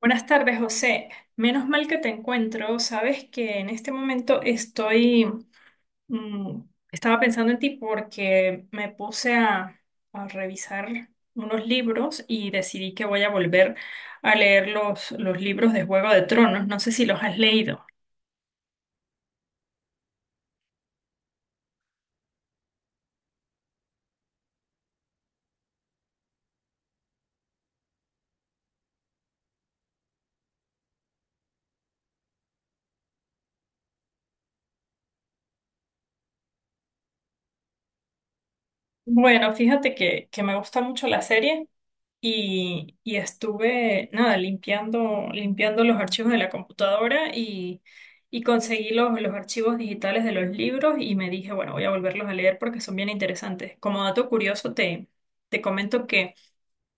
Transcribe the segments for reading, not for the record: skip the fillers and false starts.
Buenas tardes, José. Menos mal que te encuentro. Sabes que en este momento mm, estaba pensando en ti porque me puse a revisar unos libros y decidí que voy a volver a leer los libros de Juego de Tronos. No sé si los has leído. Bueno, fíjate que me gusta mucho la serie y estuve, nada, limpiando, limpiando los archivos de la computadora y conseguí los archivos digitales de los libros y me dije, bueno, voy a volverlos a leer porque son bien interesantes. Como dato curioso, te comento que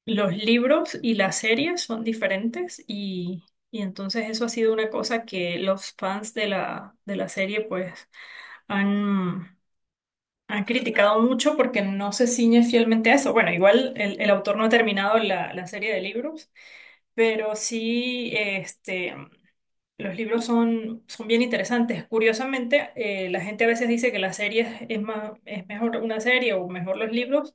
los libros y las series son diferentes y entonces eso ha sido una cosa que los fans de la serie pues han... Han criticado mucho porque no se ciñe fielmente a eso. Bueno, igual el autor no ha terminado la serie de libros, pero sí, los libros son, son bien interesantes. Curiosamente, la gente a veces dice que la serie es más, es mejor una serie o mejor los libros.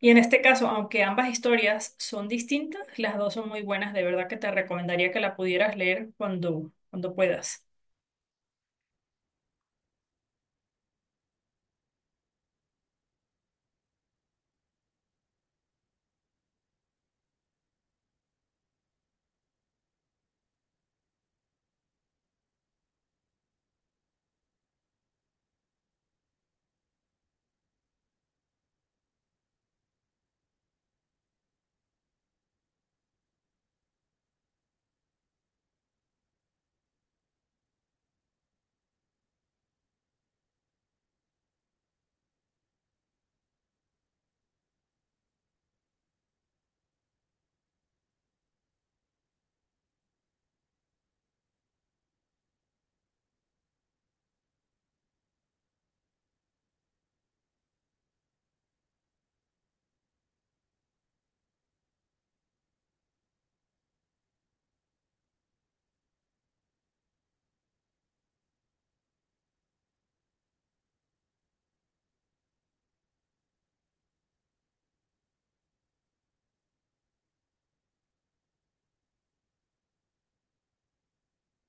Y en este caso, aunque ambas historias son distintas, las dos son muy buenas. De verdad que te recomendaría que la pudieras leer cuando, cuando puedas.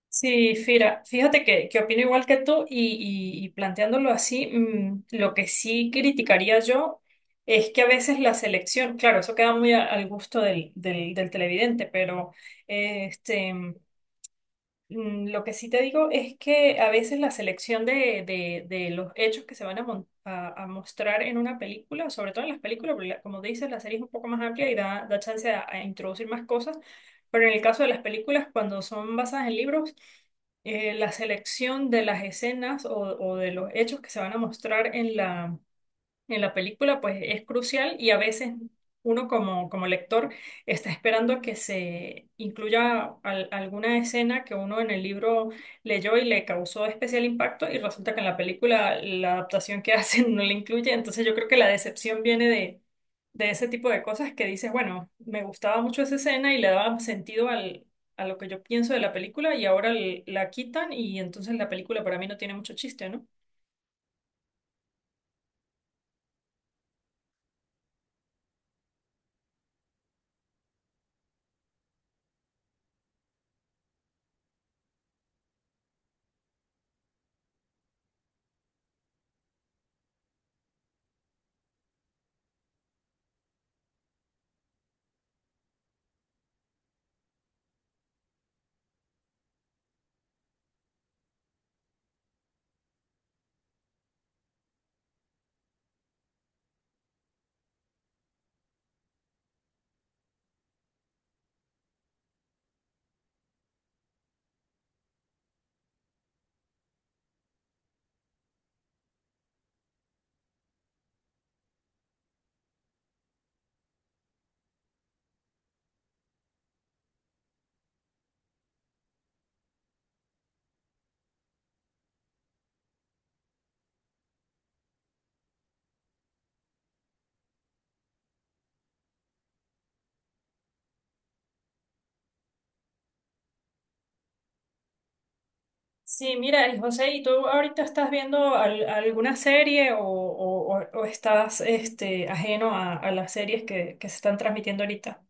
Sí, Fira, fíjate que opino igual que tú y, y planteándolo así, lo que sí criticaría yo es que a veces la selección, claro, eso queda muy al gusto del televidente, pero eh, este, lo que sí te digo es que a veces la selección de, de los hechos que se van a, a mostrar en una película, sobre todo en las películas, porque como dices, la serie es un poco más amplia y da, da chance a introducir más cosas, pero en el caso de las películas, cuando son basadas en libros, la selección de las escenas o de los hechos que se van a mostrar en la película, pues es crucial y a veces uno como, como lector está esperando que se incluya alguna escena que uno en el libro leyó y le causó especial impacto y resulta que en la película la adaptación que hacen no la incluye. Entonces yo creo que la decepción viene de ese tipo de cosas que dices, bueno, me gustaba mucho esa escena y le daba sentido al... a lo que yo pienso de la película y ahora la quitan y entonces la película para mí no tiene mucho chiste, ¿no? Sí, mira, y José, ¿y tú ahorita estás viendo alguna serie o, o estás ajeno a las series que se están transmitiendo ahorita?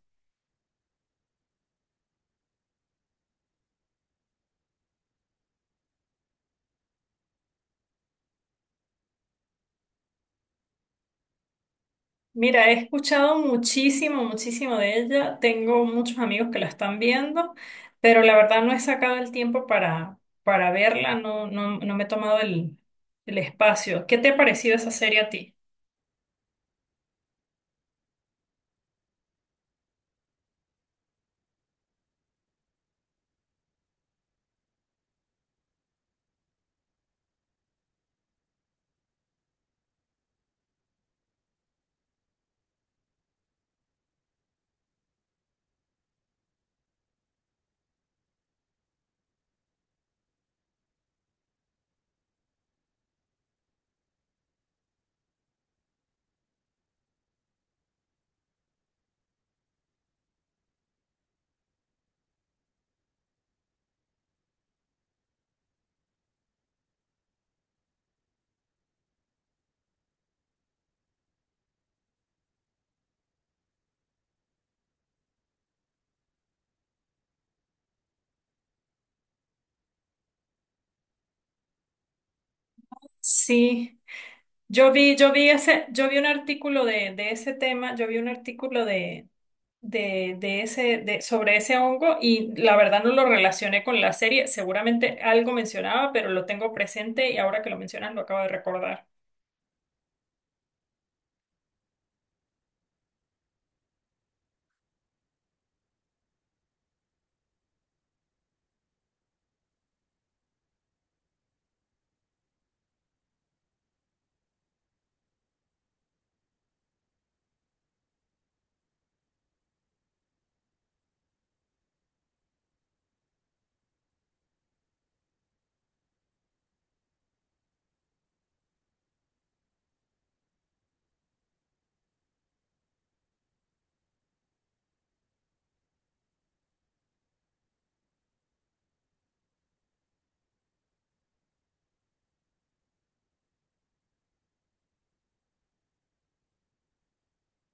Mira, he escuchado muchísimo, muchísimo de ella. Tengo muchos amigos que la están viendo, pero la verdad no he sacado el tiempo para verla, no, no, no me he tomado el espacio. ¿Qué te ha parecido esa serie a ti? Sí, yo vi ese, yo vi un artículo de ese tema, yo vi un artículo de ese, de, sobre ese hongo y la verdad no lo relacioné con la serie. Seguramente algo mencionaba, pero lo tengo presente y ahora que lo mencionas lo acabo de recordar.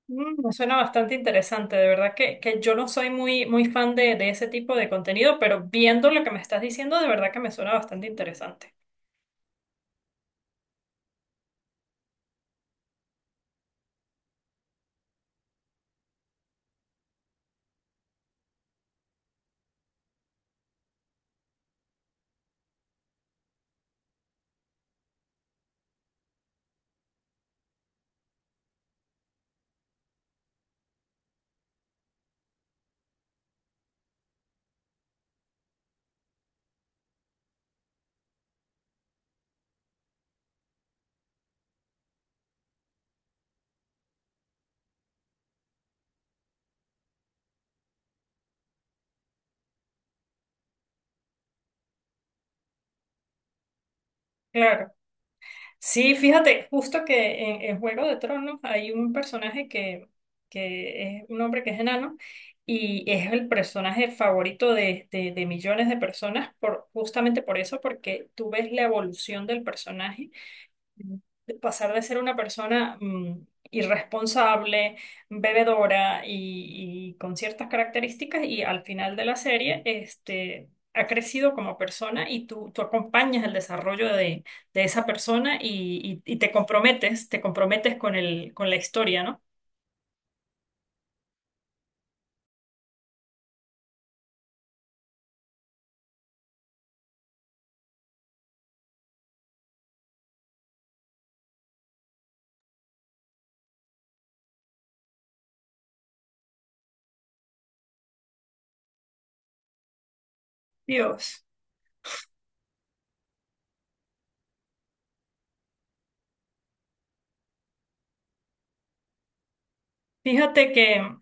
Me suena bastante interesante, de verdad que yo no soy muy, muy fan de ese tipo de contenido, pero viendo lo que me estás diciendo, de verdad que me suena bastante interesante. Claro. Sí, fíjate, justo que en Juego de Tronos hay un personaje que es un hombre que es enano y es el personaje favorito de, de millones de personas por, justamente por eso, porque tú ves la evolución del personaje de pasar de ser una persona irresponsable, bebedora y con ciertas características y al final de la serie, ha crecido como persona y tú acompañas el desarrollo de esa persona y, y te comprometes con el, con la historia, ¿no? Dios, fíjate que...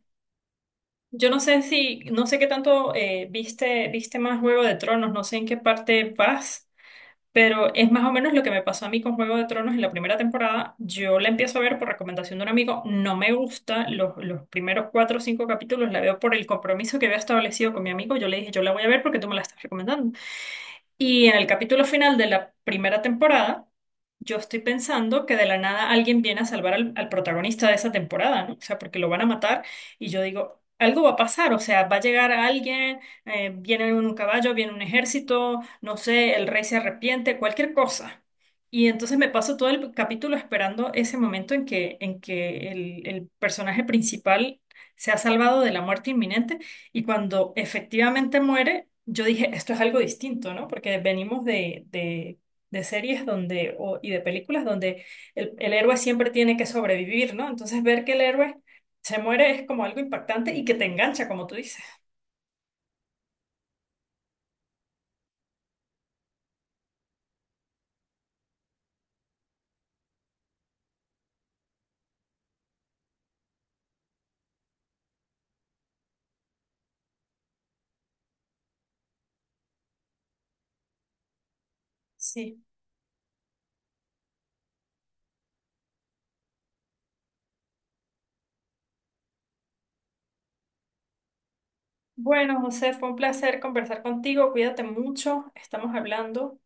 Yo no sé si, no sé qué tanto viste, viste más Juego de Tronos, no sé en qué parte vas. Pero es más o menos lo que me pasó a mí con Juego de Tronos en la primera temporada. Yo la empiezo a ver por recomendación de un amigo. No me gusta los primeros cuatro o cinco capítulos. La veo por el compromiso que había establecido con mi amigo. Yo le dije, yo la voy a ver porque tú me la estás recomendando. Y en el capítulo final de la primera temporada, yo estoy pensando que de la nada alguien viene a salvar al protagonista de esa temporada, ¿no? O sea, porque lo van a matar y yo digo, algo va a pasar, o sea, va a llegar alguien, viene un caballo, viene un ejército, no sé, el rey se arrepiente, cualquier cosa. Y entonces me paso todo el capítulo esperando ese momento en que el personaje principal se ha salvado de la muerte inminente y cuando efectivamente muere, yo dije, esto es algo distinto, ¿no? Porque venimos de series donde, y de películas donde el héroe siempre tiene que sobrevivir, ¿no? Entonces ver que el héroe se muere es como algo impactante y que te engancha, como tú dices. Sí. Bueno, José, fue un placer conversar contigo. Cuídate mucho. Estamos hablando.